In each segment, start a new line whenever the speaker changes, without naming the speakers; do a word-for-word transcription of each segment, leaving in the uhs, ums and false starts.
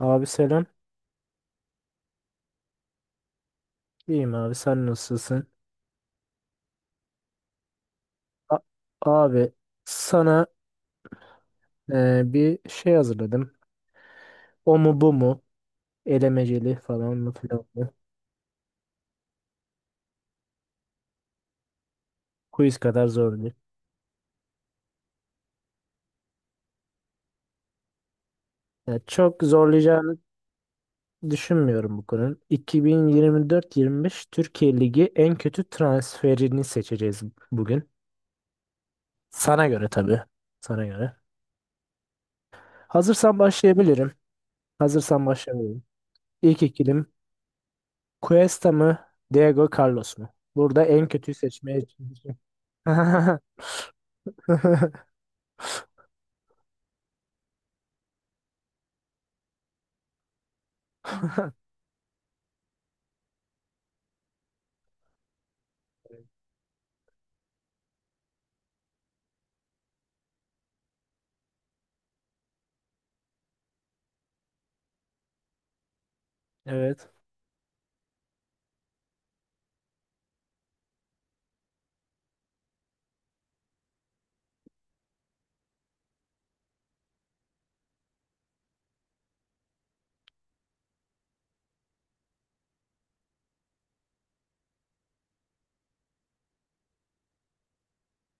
Abi selam. İyiyim abi sen nasılsın? A- abi sana e, bir şey hazırladım. O mu bu mu? Elemeceli falan mı filan mı? Quiz kadar zor değil. Yani çok zorlayacağını düşünmüyorum bu konunun. iki bin yirmi dört-yirmi beş Türkiye Ligi en kötü transferini seçeceğiz bugün. Sana göre tabii. Sana göre. Hazırsan başlayabilirim. Hazırsan başlayabilirim. İlk ikilim Cuesta mı? Diego Carlos mu? Burada en kötüyü seçmeye Evet.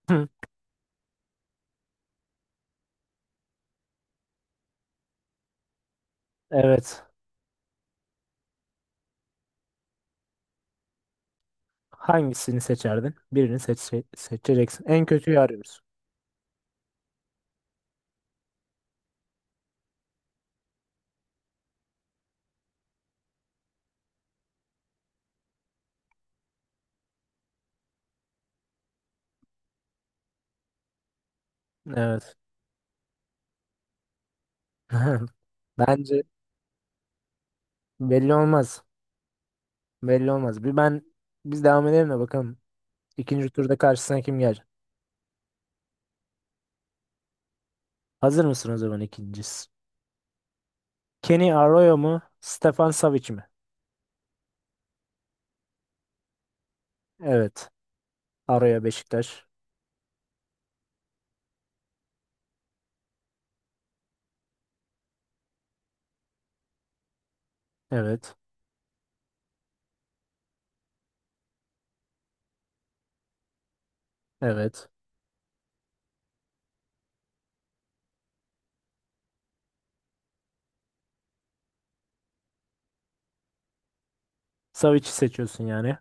Hı, Evet. Hangisini seçerdin? Birini seç seçeceksin. En kötüyü arıyoruz. Evet. Bence belli olmaz. Belli olmaz. Bir ben biz devam edelim de bakalım. İkinci turda karşısına kim gelecek? Hazır mısın o zaman ikincisi? Kenny Arroyo mu? Stefan Savic mi? Evet. Arroyo Beşiktaş. Evet. Evet. Savic'i seçiyorsun yani.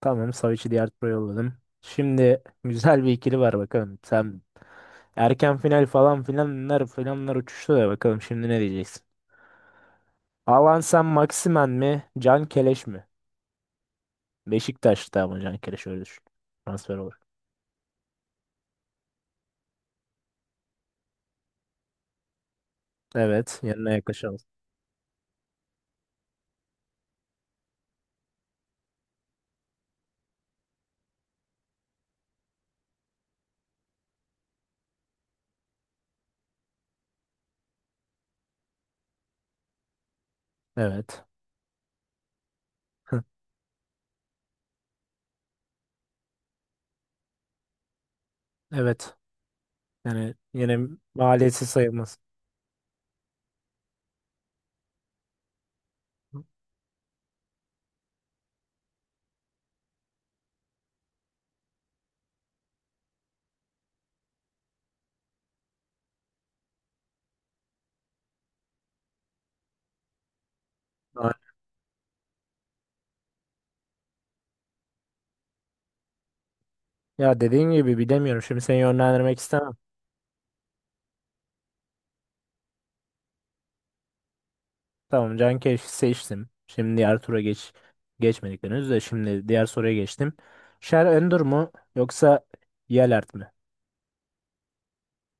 Tamam, Savic'i diğer tura yolladım. Şimdi güzel bir ikili var bakalım. Sen erken final falan filanlar filanlar uçuştu da bakalım şimdi ne diyeceksin. Alan sen Maximen mi? Can Keleş mi? Beşiktaş'ta ama Can Keleş öyle düşün. Transfer olur. Evet. Yanına yaklaşalım. Evet. Evet. Yani yine maliyeti sayılmaz. Ma- Ya dediğim gibi bilemiyorum. Şimdi seni yönlendirmek istemem. Tamam, Can Keleş'i seçtim. Şimdi diğer tura geç geçmedik henüz de şimdi diğer soruya geçtim. Şer Öndür mü yoksa Yelert mi?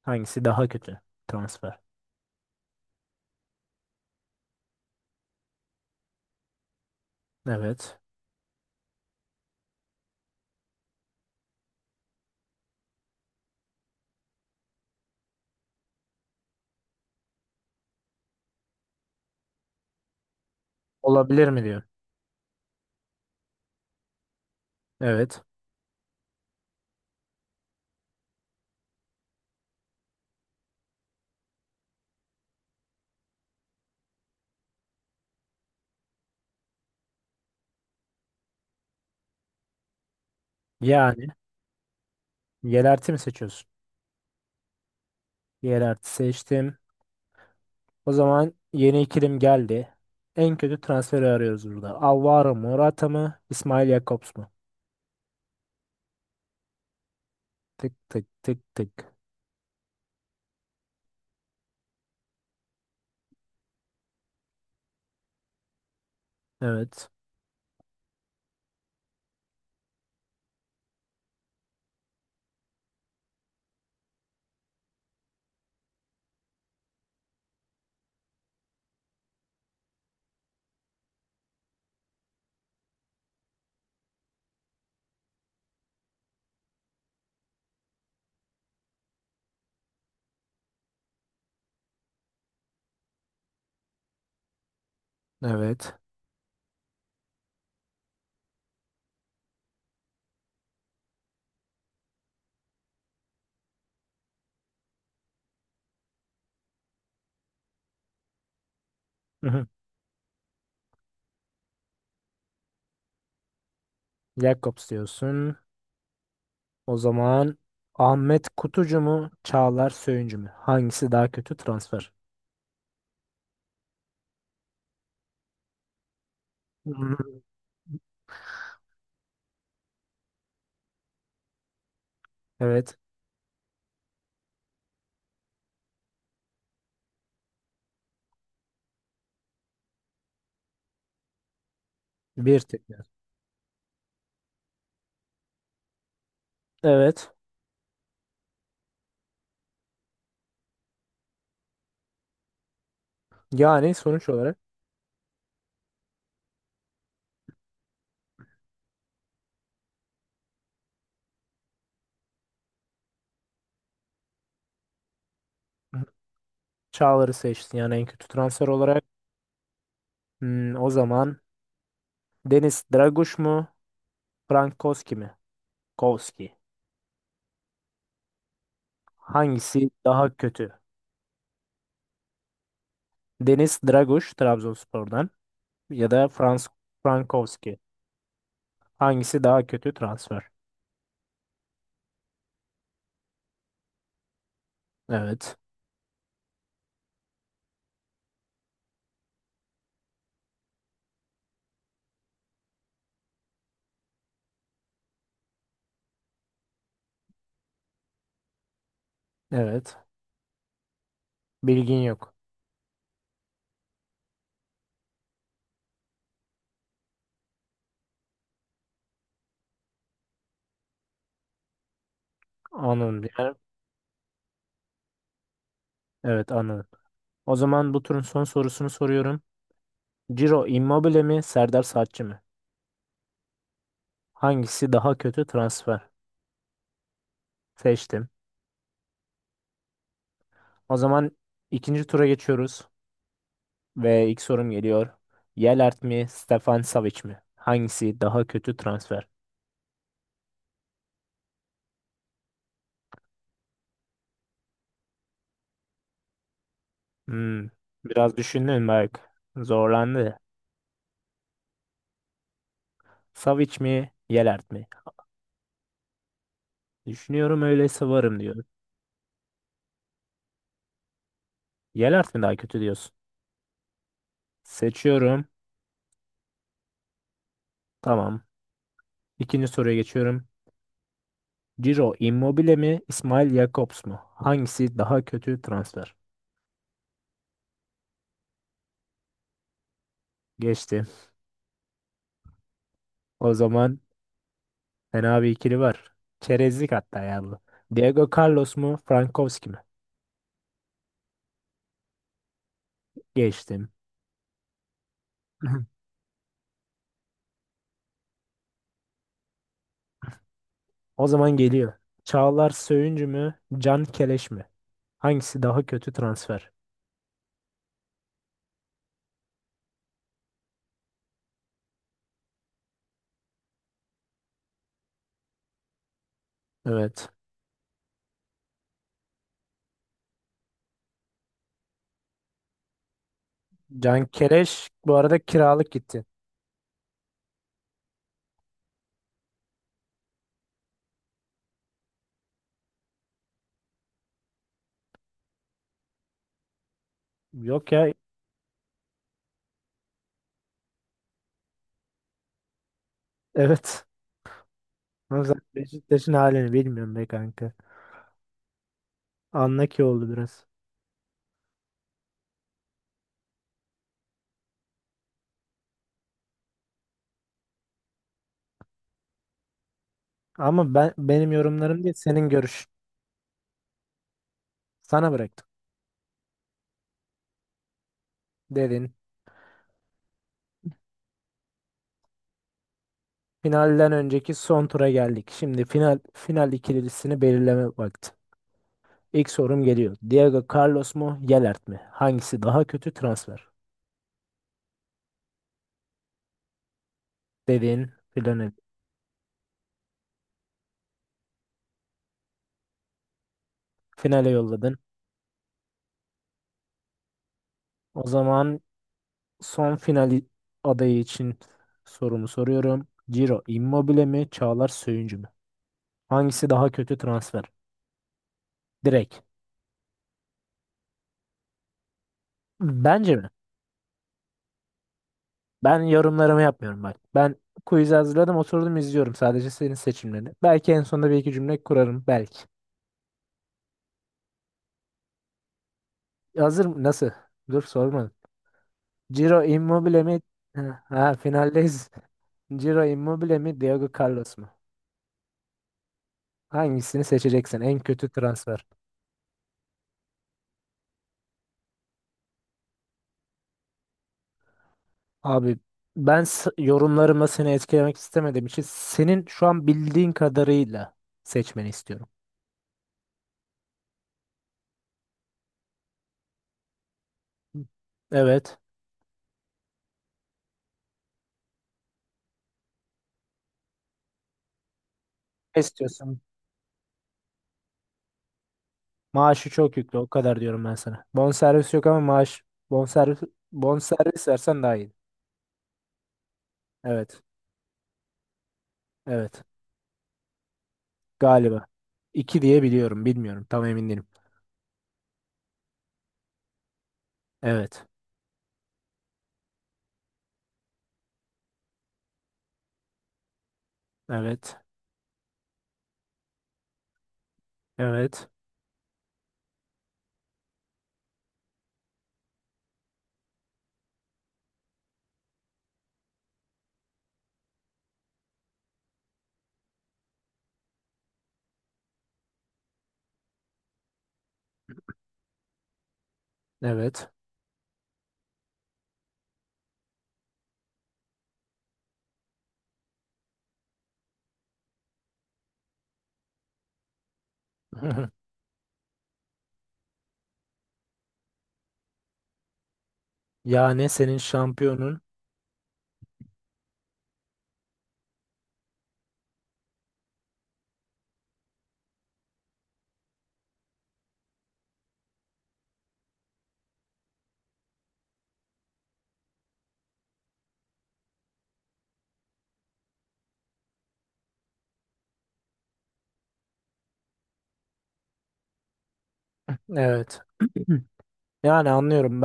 Hangisi daha kötü transfer? Evet. Olabilir mi diyor. Evet. Yani yerelti mi seçiyorsun? Yerelti seçtim. O zaman yeni ikilim geldi. En kötü transferi arıyoruz burada. Alvaro Morata mı? İsmail Jakobs mu? Tık tık tık tık. Evet. Evet. Hı hı. Jakobs diyorsun. O zaman Ahmet Kutucu mu? Çağlar Söyüncü mü? Hangisi daha kötü transfer? Hı hı. Evet. Bir tekrar. Evet. Yani sonuç olarak Çağlar'ı seçtin yani en kötü transfer olarak. Hmm, o zaman Deniz Draguş mu? Frank Koski mi? Koski. Hangisi daha kötü? Deniz Draguş Trabzonspor'dan ya da Frans Frankowski. Hangisi daha kötü transfer? Evet. Evet. Bilgin yok. Anın bir yer. Evet anın. O zaman bu turun son sorusunu soruyorum. Ciro Immobile mi? Serdar Saatçi mi? Hangisi daha kötü transfer? Seçtim. O zaman ikinci tura geçiyoruz. Ve ilk sorum geliyor. Yelert mi, Stefan Savic mi? Hangisi daha kötü transfer? Hmm, biraz düşündün bak. Zorlandı. Savic mi, Yelert mi? Düşünüyorum öyleyse varım diyor. Yelert mi daha kötü diyorsun? Seçiyorum. Tamam. İkinci soruya geçiyorum. Ciro Immobile mi, İsmail Jakobs mu? Hangisi daha kötü transfer? Geçti. O zaman fena bir ikili var. Çerezlik hatta ya bu. Diego Carlos mu, Frankowski mi? Geçtim. O zaman geliyor. Çağlar Söyüncü mü? Can Keleş mi? Hangisi daha kötü transfer? Evet. Can Keleş bu arada kiralık gitti. Yok ya. Evet. Ama zaten Beşiktaş'ın halini bilmiyorum be kanka. Anla ki oldu biraz. Ama ben benim yorumlarım değil senin görüş. Sana bıraktım. Dedin. Finalden önceki son tura geldik. Şimdi final final ikilisini belirleme vakti. İlk sorum geliyor. Diego Carlos mu, Yelert mi? Hangisi daha kötü transfer? Dedin filan. Finale yolladın. O zaman son final adayı için sorumu soruyorum. Ciro Immobile mi, Çağlar Söyüncü mü? Hangisi daha kötü transfer? Direkt. Bence mi? Ben yorumlarımı yapmıyorum bak. Ben quiz hazırladım, oturdum izliyorum sadece senin seçimlerini. Belki en sonunda bir iki cümle kurarım belki. Hazır mı? Nasıl? Dur sormadım. Ciro Immobile mi? Ha, ha, finaldeyiz. Ciro Immobile mi, Diego Carlos mu? Hangisini seçeceksin? En kötü transfer. Abi ben s- yorumlarımla seni etkilemek istemediğim için senin şu an bildiğin kadarıyla seçmeni istiyorum. Hı. Evet. Ne istiyorsun? Maaşı çok yüklü o kadar diyorum ben sana. Bonservis yok ama maaş bonservis bonservis versen daha iyi. Evet. Evet. Galiba. İki diye biliyorum. Bilmiyorum. Tam emin değilim. Evet. Evet. Evet. Evet. Yani senin şampiyonun. Evet. Yani anlıyorum.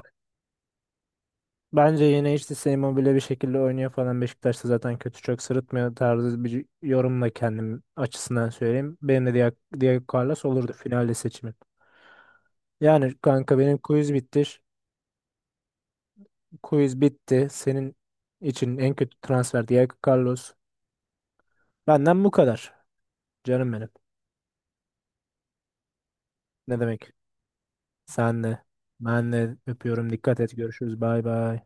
Bence yine işte Immobile bir şekilde oynuyor falan. Beşiktaş'ta zaten kötü çok sırıtmıyor tarzı bir yorumla kendim açısından söyleyeyim. Benim de Diego, Diego Carlos olurdu finalde seçimin. Yani kanka benim quiz bitti. ş- Quiz bitti. Senin için en kötü transfer Diego Carlos. Benden bu kadar. Canım benim. Ne demek? Sen de. Ben de öpüyorum. Dikkat et. Görüşürüz. Bay bay.